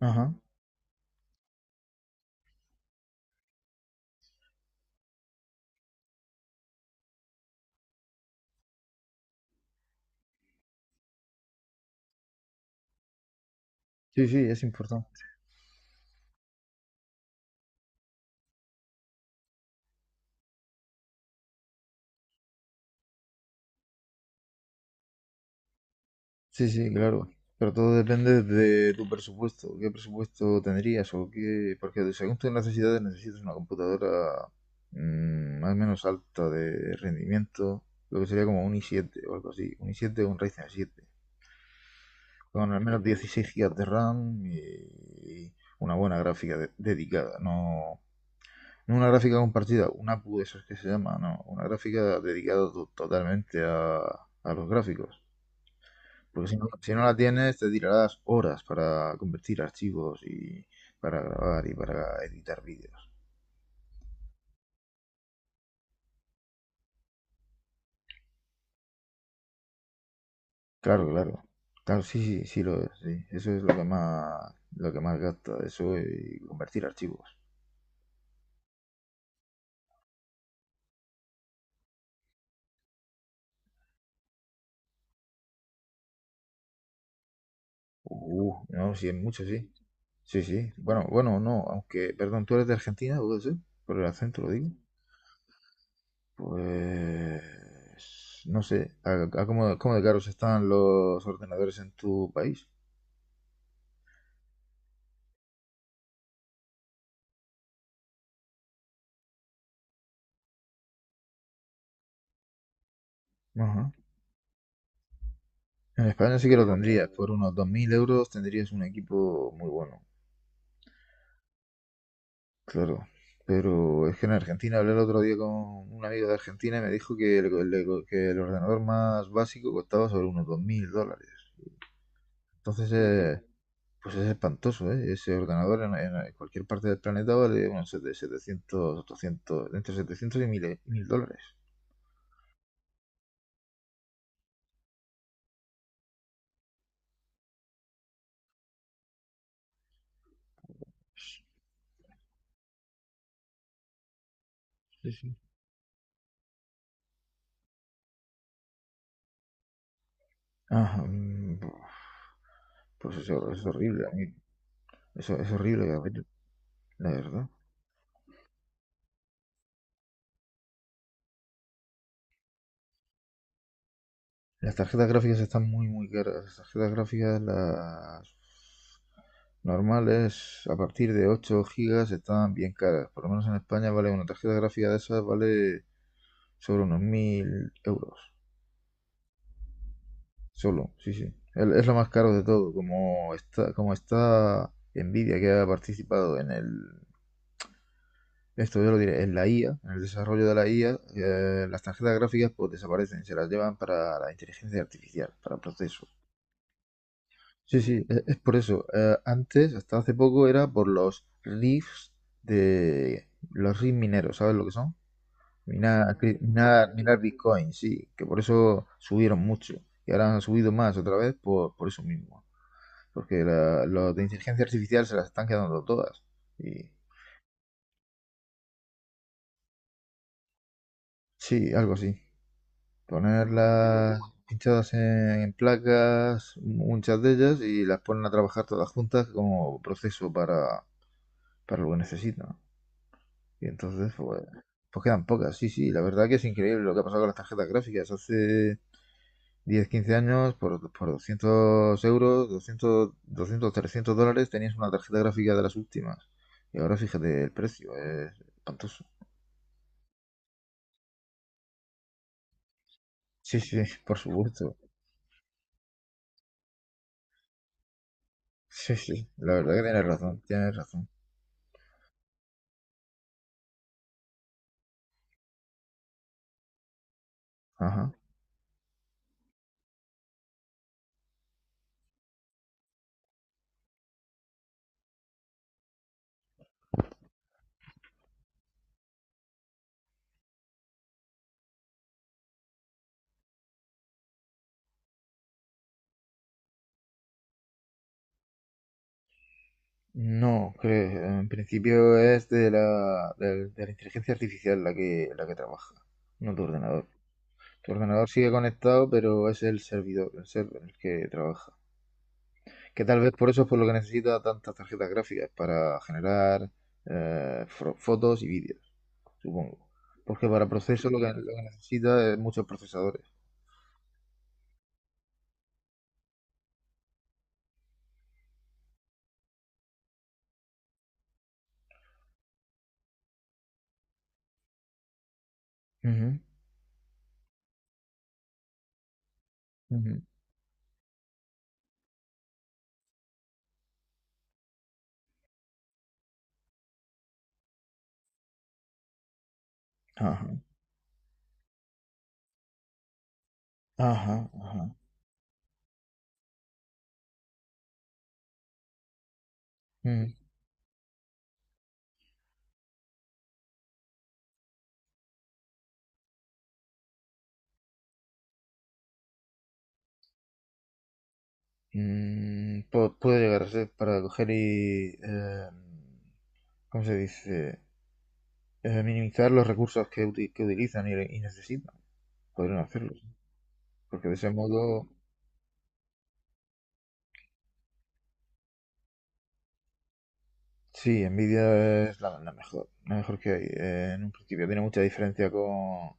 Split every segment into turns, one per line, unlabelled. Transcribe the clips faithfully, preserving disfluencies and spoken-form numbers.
Ajá. Sí, sí, es importante. Sí, sí, claro. Pero todo depende de tu presupuesto. ¿Qué presupuesto tendrías o qué? Porque según tus necesidades necesitas una computadora mm, más o menos alta de rendimiento, lo que sería como un i siete o algo así. Un i siete o un Ryzen siete. Con al menos dieciséis gigas de RAM y una buena gráfica de- dedicada. No, no una gráfica compartida, una A P U de esas que se llama, no. Una gráfica dedicada to- totalmente a a los gráficos. Porque si no, si no la tienes, te tirarás horas para convertir archivos y para grabar y para editar vídeos. Claro, claro. Claro, sí, sí, sí lo es, sí. Eso es lo que más, lo que más gasta, eso y convertir archivos. Uh, no, sí, en mucho, sí. Sí, sí. Bueno, bueno, no, aunque, perdón, ¿tú eres de Argentina, puede ser? Por el acento lo digo. Pues, no sé, ¿a, a cómo, cómo de caros están los ordenadores en tu país? Ajá. En España sí que lo tendrías, por unos dos mil euros tendrías un equipo muy bueno, claro. Pero es que en Argentina hablé el otro día con un amigo de Argentina y me dijo que el, el- que el ordenador más básico costaba sobre unos dos mil dólares. Entonces, eh, pues es espantoso, ¿eh? Ese ordenador en, en cualquier parte del planeta vale unos sete- setecientos, ochocientos, entre setecientos y mil mil dólares. Sí, sí. Ah, mm, pues eso es horrible, a mí. Eso es horrible, Gabriel, la verdad. Las tarjetas gráficas están muy, muy caras. Las tarjetas gráficas, las normales, a partir de ocho gigas, están bien caras. Por lo menos en España vale una tarjeta gráfica de esas, vale sobre unos mil euros. Solo, sí, sí. Es lo más caro de todo. Como está, como está Nvidia, que ha participado en el. Esto yo lo diré, en la I A, en el desarrollo de la I A, eh, las tarjetas gráficas pues desaparecen, se las llevan para la inteligencia artificial, para procesos. Sí, sí, e- es, por eso. Eh, antes, hasta hace poco, era por los riffs de los riffs mineros, ¿sabes lo que son? Minar, cri- minar, minar Bitcoin, sí, que por eso subieron mucho. Y ahora han subido más otra vez por, por eso mismo. Porque la- los de inteligencia artificial se las están quedando todas. Y sí, algo así. Ponerlas pinchadas en, en placas, muchas de ellas, y las ponen a trabajar todas juntas como proceso para, para lo que necesitan. Y entonces, pues, pues quedan pocas. Sí, sí, la verdad que es increíble lo que ha pasado con las tarjetas gráficas. Hace diez quince años, por, por doscientos euros, doscientos doscientos trescientos dólares, tenías una tarjeta gráfica de las últimas. Y ahora fíjate el precio, es espantoso. Sí, sí, por supuesto. Sí, sí, la verdad que tienes razón, tienes razón. Ajá. No, creo, en principio es de la, del- de la inteligencia artificial la que, la que trabaja, no tu ordenador. Tu ordenador sigue conectado, pero es el servidor, el server, el que trabaja. Que tal vez por eso es por lo que necesita tantas tarjetas gráficas, para generar eh, fro- fotos y vídeos, supongo. Porque para proceso lo que, lo que necesita es muchos procesadores. Ujú, ujú. Ajá, ajá, ajá. Mm, mm, pu- puede llegar a ser para coger y, eh, ¿cómo se dice? Eh, minimizar los recursos que, uti- que utilizan y, y necesitan. Podrían hacerlo, sí. Porque de ese modo... Sí, Nvidia es la, la mejor, la mejor que hay. eh, en un principio tiene mucha diferencia con,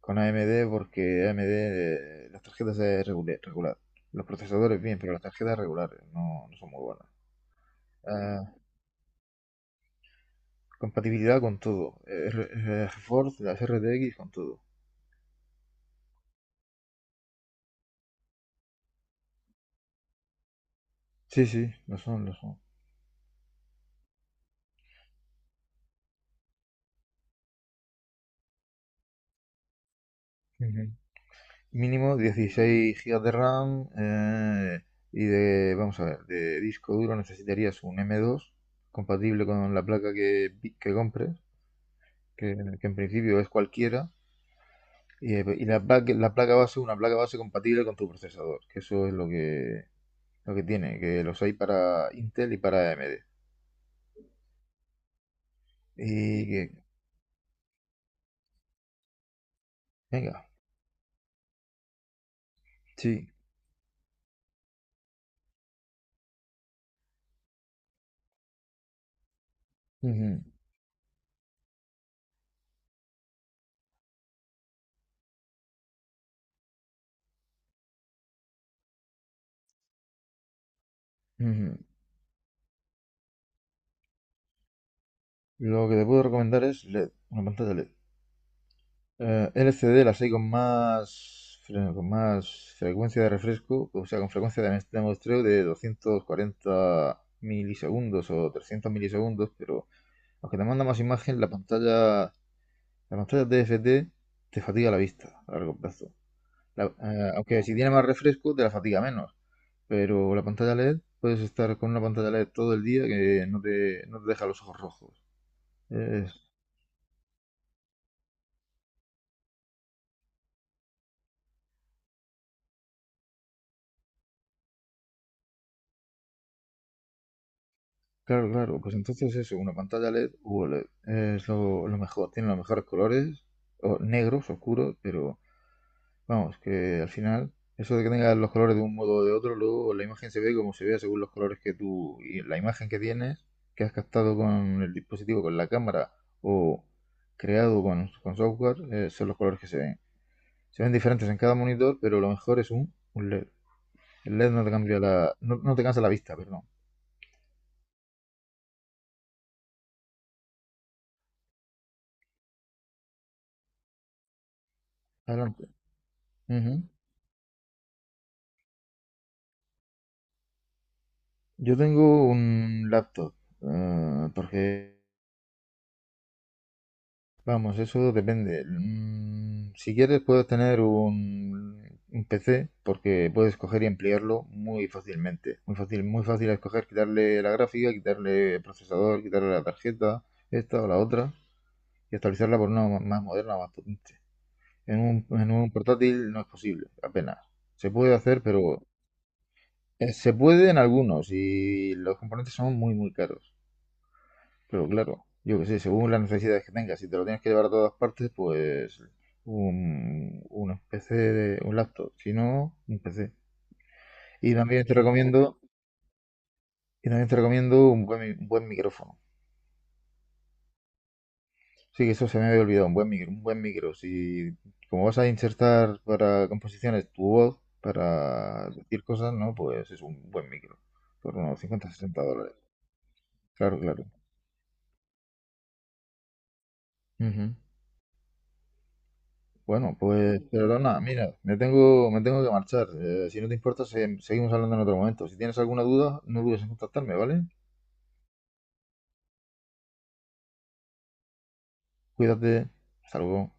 con A M D porque A M D eh, las tarjetas es regular, regular. Los procesadores bien, pero las tarjetas regulares no, no son muy buenas. Eh, compatibilidad con todo. R- eh, GeForce, las R T X, con todo. Sí, sí, lo son, lo son. Ujú. Mínimo dieciséis gigas de RAM eh, y de, vamos a ver, de disco duro necesitarías un M dos compatible con la placa que, pi- que compres que, que en principio es cualquiera, y, eh, y la, placa, la placa base, una placa base compatible con tu procesador, que eso es lo que, lo que tiene, que los hay para Intel y para A M D. Y que, venga, sí. Ujú, ujú. Lo que te puedo recomendar es LED, una pantalla LED. Eh, L C D las hay con más, fre- con más frecuencia de refresco, o sea, con frecuencia de de muestreo de doscientos cuarenta milisegundos o trescientos milisegundos, pero aunque te manda más imagen, la pantalla La pantalla T F T te fatiga la vista a largo plazo. La- eh, aunque si tiene más refresco te la fatiga menos. Pero la pantalla LED, puedes estar con una pantalla LED todo el día que no te, no te deja los ojos rojos. Es- claro, claro, pues entonces eso, una pantalla LED u OLED es lo, lo mejor. Tiene los mejores colores, o negros, oscuros, pero vamos, que al final, eso de que tengas los colores de un modo o de otro, luego la imagen se ve como se vea según los colores que tú y la imagen que tienes, que has captado con el dispositivo, con la cámara o creado con, con software, eh, son los colores que se ven. Se ven diferentes en cada monitor, pero lo mejor es un, un LED. El LED no te cambia. La, no, no te cansa la vista, perdón. Adelante. Ujú. Yo tengo un laptop, eh, porque vamos, eso depende. Mm, Si quieres puedes tener un, un P C porque puedes coger y emplearlo muy fácilmente. Muy fácil, muy fácil es coger, quitarle la gráfica, quitarle el procesador, quitarle la tarjeta, esta o la otra, y actualizarla por una ma- más moderna más potente. En un, en un portátil no es posible, apenas. Se puede hacer, pero eh, se puede en algunos y los componentes son muy, muy caros. Pero claro, yo que sé, según las necesidades que tengas, si te lo tienes que llevar a todas partes, pues un, un P C, de, un laptop, si no, un P C. Y también te recomiendo, y también te recomiendo un buen, mi- un buen micrófono. Sí, que eso se me había olvidado, un buen micro, un buen micro. Si como vas a insertar para composiciones tu voz, para decir cosas, ¿no? Pues es un buen micro, por unos cincuenta sesenta dólares. Claro, claro. Ujú. Bueno, pues perdona, mira, me tengo, me tengo que marchar. Eh, si no te importa, se- seguimos hablando en otro momento. Si tienes alguna duda, no dudes en contactarme, ¿vale? Cuídate. Hasta luego.